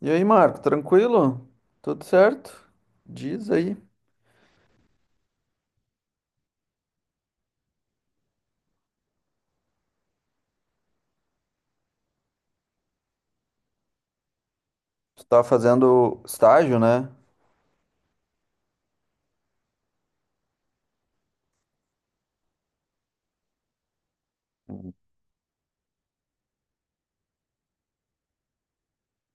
E aí, Marco, tranquilo? Tudo certo? Diz aí. Tu tá fazendo estágio, né? Uhum.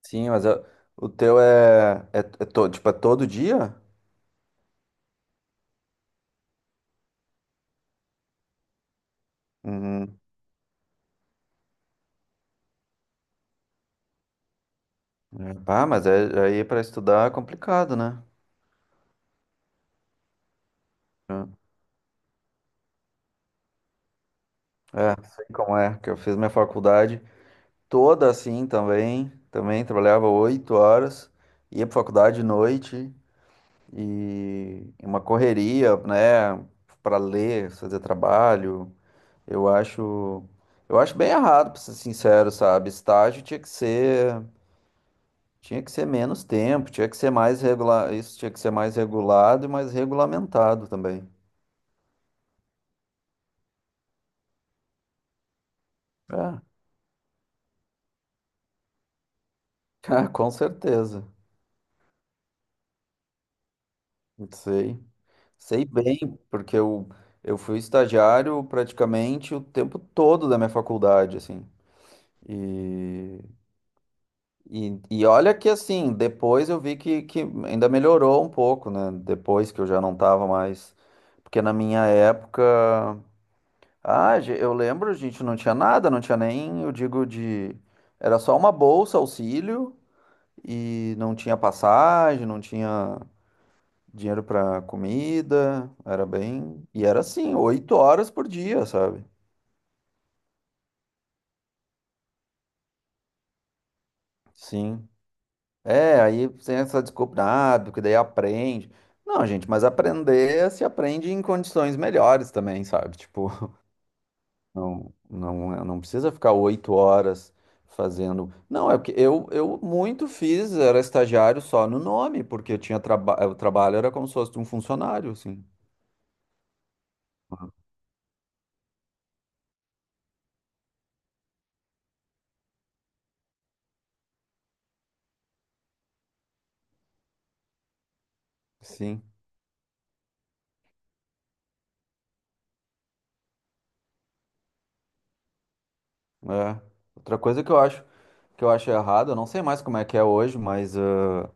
Sim, mas o teu é todo, tipo, é todo dia? Uhum. É, pá, mas é, aí para estudar é complicado, né? É, é, sei como é, que eu fiz minha faculdade toda assim também, também trabalhava 8 horas, ia pra faculdade de noite e uma correria, né, pra ler, fazer trabalho. Eu acho, eu acho bem errado, pra ser sincero, sabe? Estágio tinha que ser menos tempo, tinha que ser mais regular, isso tinha que ser mais regulado e mais regulamentado também. É, é, com certeza. Sei. Sei bem, porque eu fui estagiário praticamente o tempo todo da minha faculdade, assim. E, e e olha que assim, depois eu vi que ainda melhorou um pouco, né? Depois que eu já não estava mais. Porque na minha época. Ah, eu lembro, gente não tinha nada, não tinha nem, eu digo, de. Era só uma bolsa, auxílio, e não tinha passagem, não tinha dinheiro pra comida, era bem. E era assim, 8 horas por dia, sabe? Sim. É, aí tem essa desculpa, ah, porque daí aprende. Não, gente, mas aprender se aprende em condições melhores também, sabe? Tipo. Não, não, é, não precisa ficar 8 horas fazendo. Não, é porque eu muito fiz, era estagiário só no nome, porque eu tinha o trabalho era como se fosse um funcionário, assim. Sim, é. Outra coisa que eu acho errado, eu não sei mais como é que é hoje, mas ah,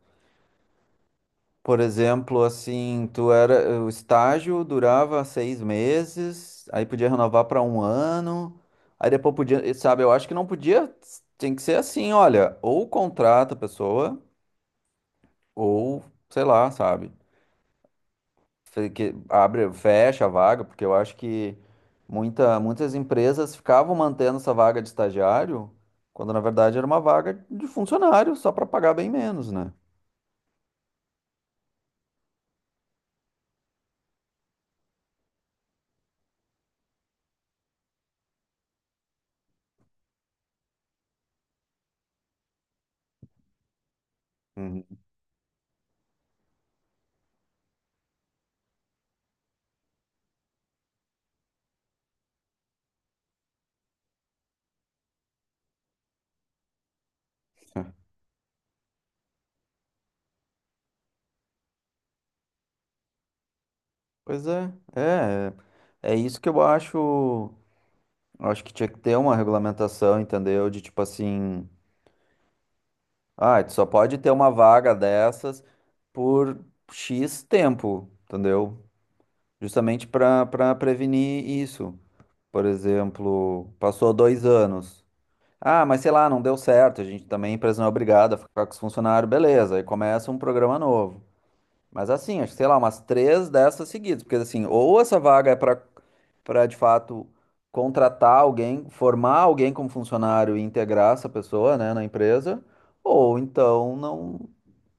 por exemplo, assim, tu era o estágio durava 6 meses, aí podia renovar para um ano. Aí depois podia, sabe, eu acho que não podia, tem que ser assim, olha, ou contrata a pessoa ou, sei lá, sabe? Que abre, fecha a vaga, porque eu acho que muitas empresas ficavam mantendo essa vaga de estagiário, quando na verdade era uma vaga de funcionário, só para pagar bem menos, né? Uhum. Pois é isso que eu acho que tinha que ter uma regulamentação, entendeu? De tipo assim, ah, tu só pode ter uma vaga dessas por X tempo, entendeu? Justamente para prevenir isso. Por exemplo, passou 2 anos. Ah, mas sei lá, não deu certo. A gente também, a empresa não é obrigada a ficar com os funcionários, beleza. Aí começa um programa novo. Mas assim, acho que sei lá, umas três dessas seguidas. Porque assim, ou essa vaga é para de fato contratar alguém, formar alguém como funcionário e integrar essa pessoa, né, na empresa, ou então não,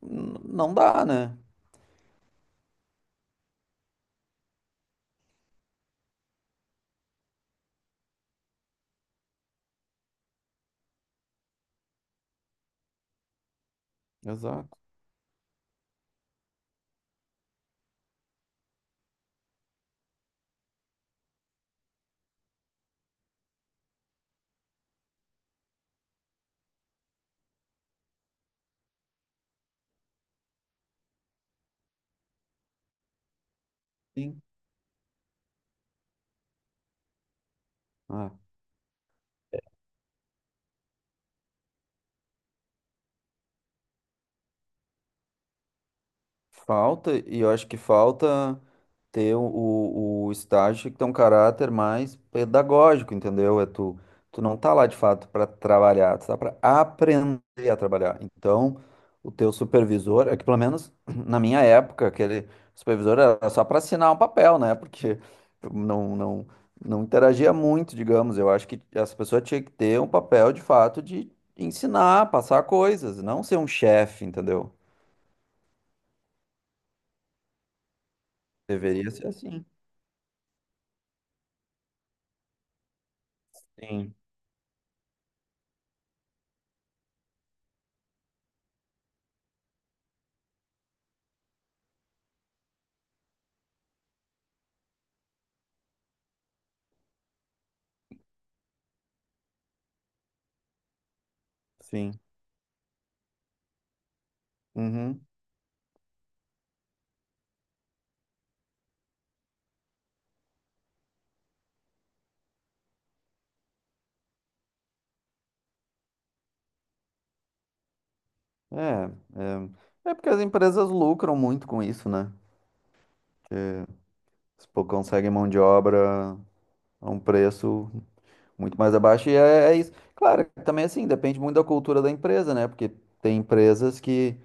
não dá, né? Exato. Sim. É. Falta, e eu acho que falta ter o estágio que tem um caráter mais pedagógico, entendeu? É tu não tá lá de fato para trabalhar, tu tá para aprender a trabalhar. Então, o teu supervisor, é que pelo menos na minha época, aquele supervisor era só para assinar um papel, né? Porque não, não, não interagia muito, digamos. Eu acho que essa pessoa tinha que ter um papel de fato de ensinar, passar coisas, não ser um chefe, entendeu? Deveria ser assim. Sim, sim. Uhum. É, é é porque as empresas lucram muito com isso, né? Se pô, conseguem mão de obra a um preço muito mais abaixo, e é, é isso. Claro, também assim, depende muito da cultura da empresa, né? Porque tem empresas que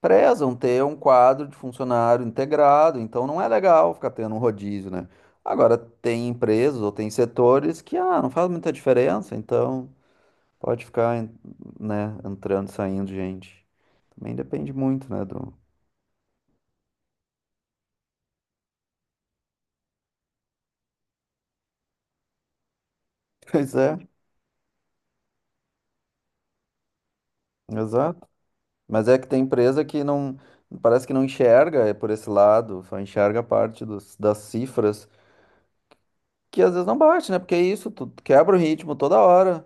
prezam ter um quadro de funcionário integrado, então não é legal ficar tendo um rodízio, né? Agora, tem empresas ou tem setores que, ah, não faz muita diferença, então pode ficar, né, entrando e saindo gente. Também depende muito, né, do... Pois é, exato. Mas é que tem empresa que não, parece que não enxerga é por esse lado, só enxerga a parte dos, das cifras, que às vezes não bate, né? Porque é isso, tu quebra o ritmo toda hora,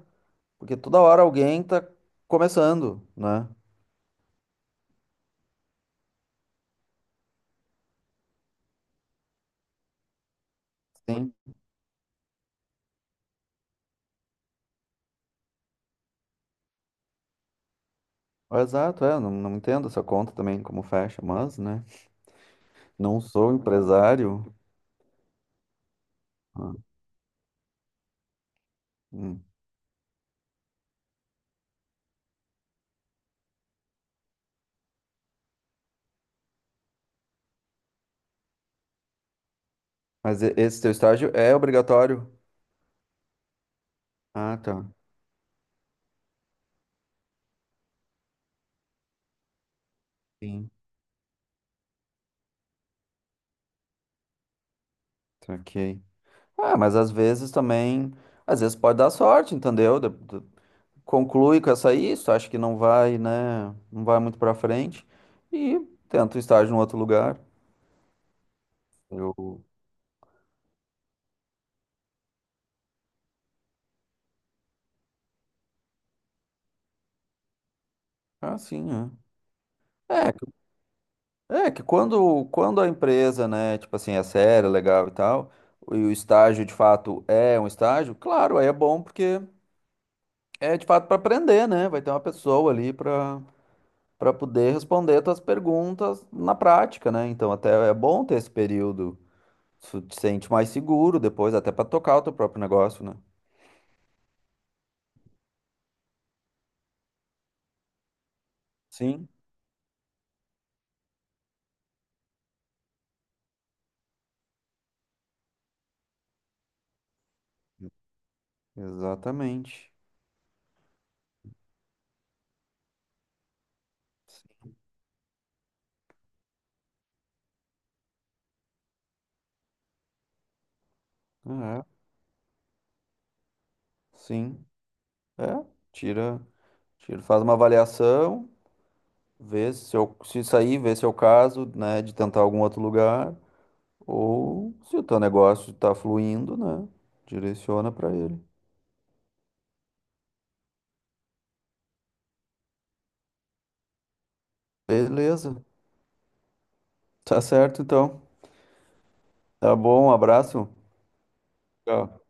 porque toda hora alguém tá começando, né? Sim. Exato, é, não, não entendo essa conta também como fecha, mas, né, não sou empresário. Ah, hum. Mas esse teu estágio é obrigatório? Ah, tá. Sim. Ok. Ah, mas às vezes também, às vezes pode dar sorte, entendeu? Conclui com essa aí, se tu acha que não vai, né, não vai muito pra frente e tenta o estágio em outro lugar. Eu, ah, sim, é. É, que é que quando a empresa, né, tipo assim, é séria, legal e tal, e o estágio de fato é um estágio, claro, aí é bom porque é de fato para aprender, né? Vai ter uma pessoa ali para poder responder tuas perguntas na prática, né? Então até é bom ter esse período. Tu te sente mais seguro depois, até pra tocar o teu próprio negócio, né? Sim, exatamente. É, sim. É, tira, tira, faz uma avaliação, vê se eu, se sair, vê se é o caso, né, de tentar algum outro lugar, ou se o teu negócio tá fluindo, né, direciona pra ele. Beleza, tá certo então. Tá bom, um abraço. Tchau.